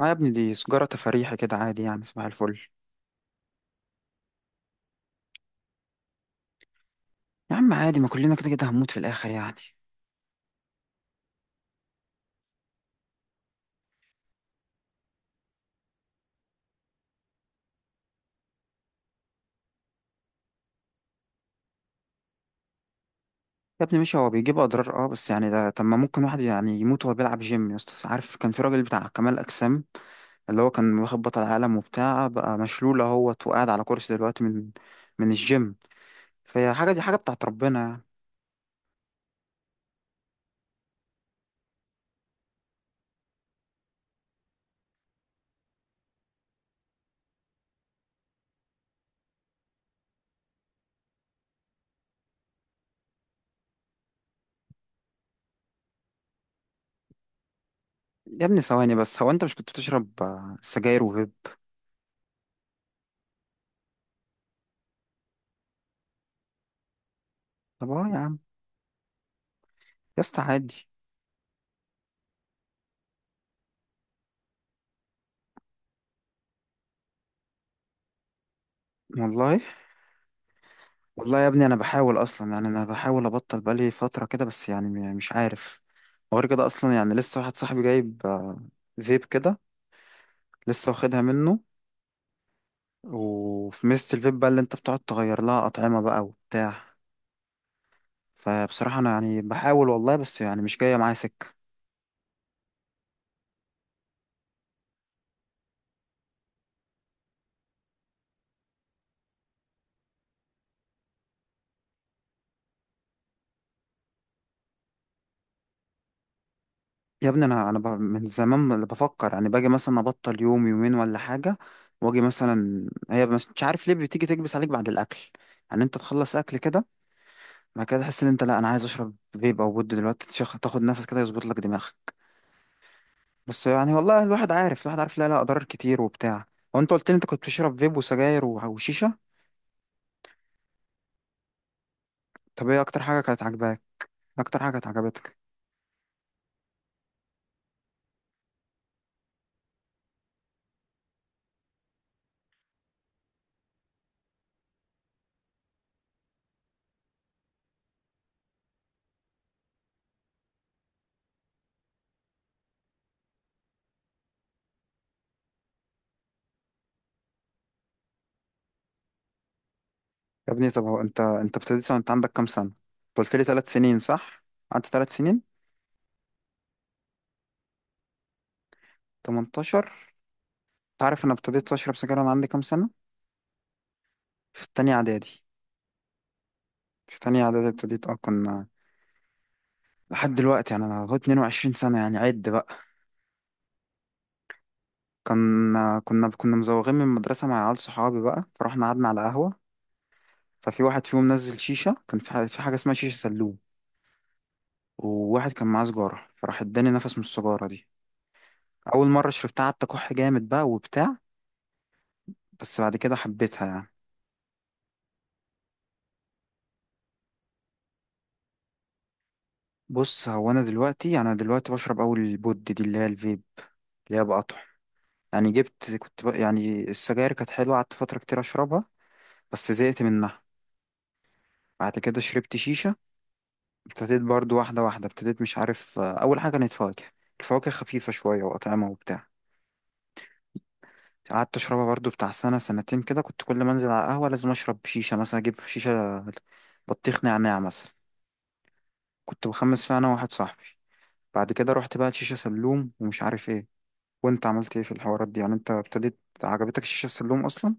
اه يا ابني، دي سجارة تفريحي كده عادي يعني. صباح الفل. يا عم عادي، ما كلنا كده كده هنموت في الآخر يعني. يا ابني ماشي، هو بيجيب أضرار بس يعني ده، طب ما ممكن واحد يعني يموت وهو بيلعب جيم؟ يا اسطى عارف كان في راجل بتاع كمال أجسام، اللي هو كان واخد بطل عالم وبتاع، بقى مشلول اهوت وقاعد على كرسي دلوقتي من الجيم. فهي حاجة، دي حاجة بتاعت ربنا يعني. يا ابني ثواني بس، هو أنت مش كنت بتشرب سجاير وفيب؟ طب اه يا عم. يا اسطى عادي. والله. والله يا ابني، انا بحاول اصلا، يعني انا بحاول ابطل بقالي فتره كده، بس يعني مش عارف. وغير كده اصلا يعني لسه واحد صاحبي جايب فيب كده. لسه واخدها منه. وفي ميزه الفيب بقى اللي انت بتقعد تغير لها اطعمه بقى وبتاع. فبصراحه انا يعني بحاول والله، بس يعني مش جايه معايا سكه. يا ابني من زمان اللي بفكر يعني، باجي مثلا ابطل يوم يومين ولا حاجه. واجي مثلا، هي مش عارف ليه بتيجي تكبس عليك بعد الاكل. يعني انت تخلص اكل كده، بعد كده تحس ان انت، لا انا عايز اشرب فيب او بود دلوقتي، تاخد نفس كده يظبط لك دماغك. بس يعني والله، الواحد عارف، لا لا، اضرار كتير وبتاع. هو انت قلت لي انت كنت بتشرب فيب وسجاير وشيشه. طب ايه اكتر حاجه كانت عاجباك؟ اكتر حاجه كانت عجبتك؟ يا ابني طب هو انت ابتديت وانت عندك كام سنه؟ انت قلت لي 3 سنين صح؟ قعدت 3 سنين. 18. انت عارف انا ابتديت اشرب سجاير وانا عندي كام سنه؟ في تانية اعدادي. في تانية اعدادي ابتديت كنا. لحد دلوقتي يعني انا لغايه 22 سنه، يعني عد بقى. كنا مزوغين من المدرسة مع عيال صحابي بقى، فرحنا قعدنا على قهوة. ففي واحد فيهم نزل شيشة، كان في في حاجة اسمها شيشة سلوم. وواحد كان معاه سجارة، فراح اداني نفس من السجارة دي. أول مرة شربتها قعدت أكح جامد بقى وبتاع. بس بعد كده حبيتها يعني. بص، هو أنا دلوقتي بشرب أول البود دي اللي هي الفيب، اللي هي بقطع. يعني جبت، يعني السجاير كانت حلوة، قعدت فترة كتير أشربها، بس زهقت منها. بعد كده شربت شيشة. ابتديت برضو واحدة واحدة، ابتديت مش عارف، أول حاجة كانت فواكه. الفواكه خفيفة شوية وأطعمة وبتاع. قعدت أشربها برضو بتاع سنة سنتين كده. كنت كل ما أنزل على القهوة لازم أشرب شيشة، مثلا أجيب شيشة بطيخ نعناع مثلا. كنت بخمس فيها أنا وواحد صاحبي. بعد كده رحت بقى لشيشة سلوم ومش عارف إيه. وأنت عملت إيه في الحوارات دي يعني؟ أنت ابتديت؟ عجبتك الشيشة السلوم أصلا؟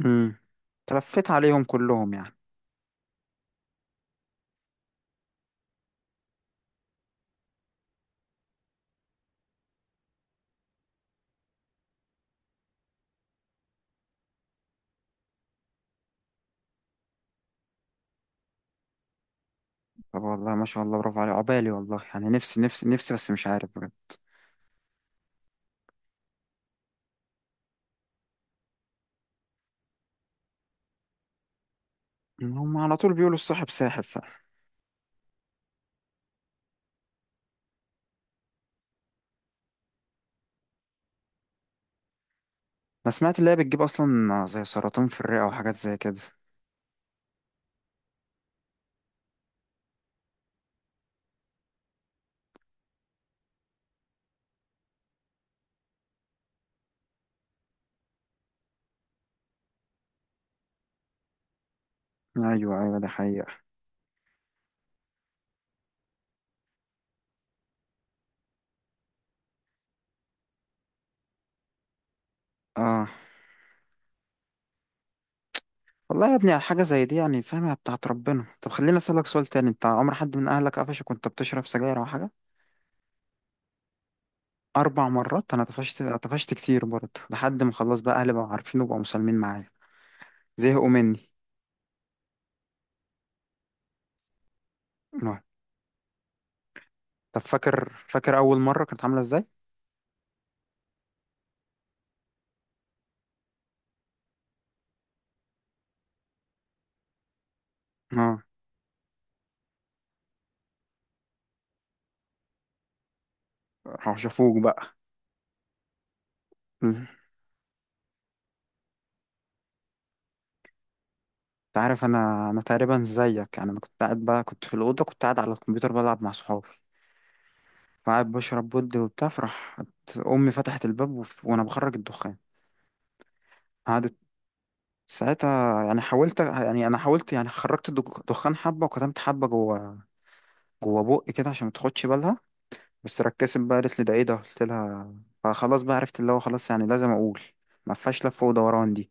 امم. تلفيت عليهم كلهم يعني. طب والله ما شاء الله، برافو عليك، عقبالي والله. يعني نفسي نفسي نفسي، بس مش عارف بجد. هم على طول بيقولوا الصاحب ساحب. انا سمعت اللي هي بتجيب اصلا زي سرطان في الرئة وحاجات زي كده. ايوه ايوه، ده حقيقة. اه. والله يا ابني، على حاجة زي دي يعني، فاهمها بتاعت ربنا. طب خليني اسألك سؤال تاني، انت عمر حد من اهلك قفشك وانت بتشرب سجاير او حاجة؟ 4 مرات. انا طفشت كتير برضه، لحد ما خلاص بقى اهلي بقوا عارفين وبقوا مسالمين معايا. زهقوا مني. آه. طب فاكر اول مرة كانت عاملة ازاي؟ اه. راحوا شافوك بقى؟ مم. انت عارف، انا تقريبا زيك، يعني انا كنت قاعد بقى، كنت في الاوضه، كنت قاعد على الكمبيوتر بلعب مع صحابي. فقعد بشرب بود وبتاع، فراح امي فتحت الباب، وانا بخرج الدخان. قعدت ساعتها يعني حاولت يعني انا حاولت يعني، خرجت دخان حبه وكتمت حبه جوه، جوه بقي كده عشان ما تاخدش بالها. بس ركزت بقى، قالت لي ده ايه ده؟ قلت لها، فخلاص بقى عرفت اللي هو خلاص، يعني لازم اقول، ما فيهاش لف ودوران دي.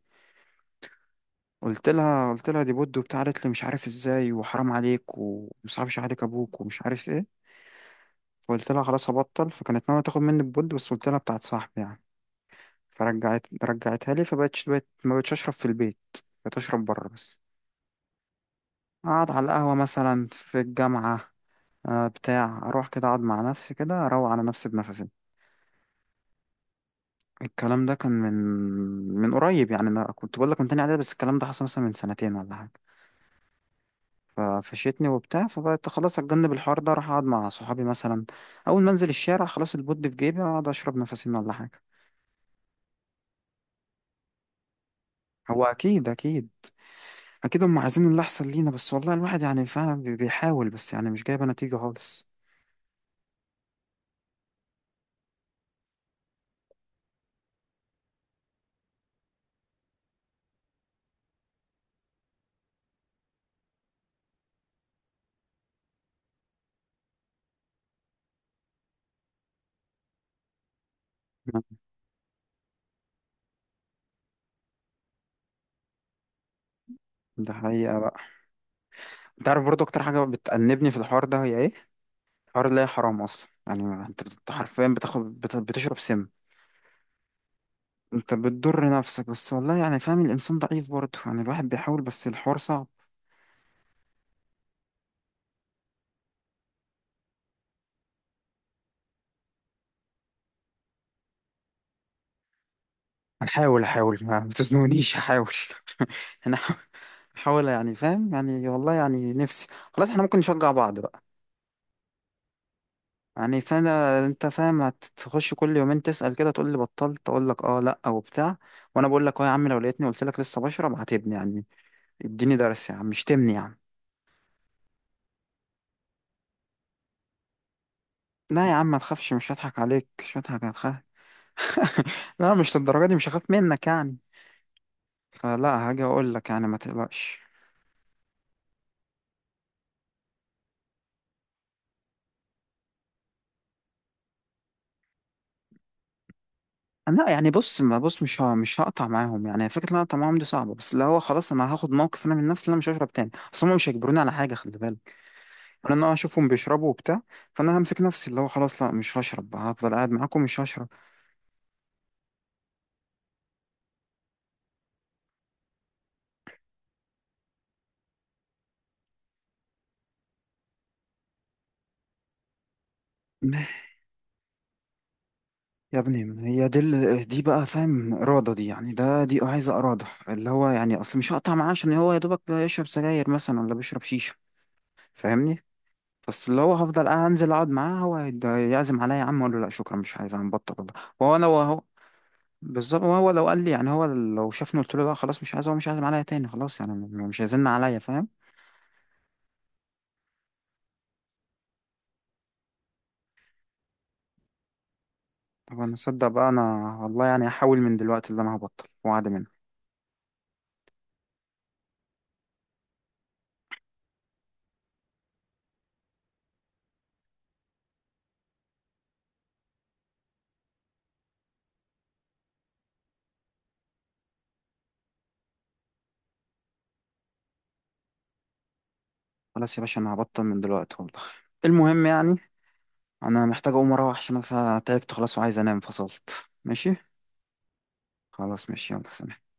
قلت لها دي بود وبتاع. قالت لي مش عارف ازاي، وحرام عليك، ومصعبش عليك ابوك، ومش عارف ايه. فقلت لها خلاص هبطل، فكانت ناويه تاخد مني البود، بس قلت لها بتاعت صاحبي يعني. فرجعت رجعتها لي، بقت ما بقتش اشرب في البيت، بقيت اشرب بره بس. اقعد على القهوه مثلا في الجامعه، بتاع اروح كده اقعد مع نفسي كده، اروق على نفسي بنفسي. الكلام ده كان من قريب يعني، انا كنت بقول لك من تاني اعدادي، بس الكلام ده حصل مثلا من سنتين ولا حاجه. ففشيتني وبتاع، فبقيت خلاص اتجنب الحوار ده، اروح اقعد مع صحابي مثلا. اول ما انزل الشارع خلاص البود في جيبي، اقعد اشرب نفسي ولا حاجه. هو اكيد اكيد. اكيد هم عايزين اللي احسن لينا، بس والله الواحد يعني فعلا بيحاول، بس يعني مش جايبه نتيجه خالص. ده حقيقه بقى. انت عارف برضه اكتر حاجه بتأنبني في الحوار ده هي ايه؟ حوار اللي هي حرام اصلا، يعني انت حرفيا بتشرب سم. انت بتضر نفسك بس، والله يعني فاهم، الانسان ضعيف برضه يعني، الواحد بيحاول بس الحوار صعب. احاول، ما تزنونيش، احاول انا احاول، يعني فاهم يعني، والله يعني نفسي. خلاص احنا ممكن نشجع بعض بقى. يعني فانا انت فاهم، هتخش كل يومين تسأل كده، تقول لي بطلت؟ اقول لك اه لا او بتاع. وانا بقول لك اه يا عم، لو لقيتني قلت لك لسه بشرب، هتبني يعني، اديني درس يا عم، شتمني يا عم. لا يا عم ما تخافش، مش هضحك عليك، مش هضحك هتخاف. لا مش للدرجه دي، مش هخاف منك يعني. فلا هاجي اقول لك يعني، ما تقلقش. لا يعني بص، مش هقطع معاهم، يعني فكره ان انا اقطع معاهم دي صعبه، بس اللي هو خلاص انا هاخد موقف انا من نفسي ان انا مش هشرب تاني، اصل هم مش هيجبروني على حاجه، خلي بالك. انا أنا اشوفهم بيشربوا وبتاع، فانا همسك نفسي، اللي هو خلاص لا مش هشرب، هفضل قاعد معاكم مش هشرب. يا ابني هي دي دي بقى، فاهم؟ إرادة دي يعني، دي عايزة إرادة، اللي هو يعني أصل مش هقطع معاه عشان هو يا دوبك بيشرب سجاير مثلا ولا بيشرب شيشة، فاهمني؟ بس اللي هو هفضل قاعد، أنزل أقعد معاه، هو يعزم عليا، يا عم أقول له لا شكرا مش عايز، أنا مبطل والله. وهو بالظبط. وهو لو قال لي يعني، هو لو شافني قلت له لا خلاص مش عايز، هو مش عايز عليا تاني خلاص يعني، مش هيزن عليا، فاهم؟ طب انا اصدق بقى والله يعني هحاول من دلوقتي اللي انا هبطل، وعد مني. خلاص يا باشا انا هبطل من دلوقتي والله. المهم يعني، انا محتاج اقوم اروح، عشان انا تعبت خلاص وعايز انام، فصلت ماشي. خلاص ماشي، يلا سلام.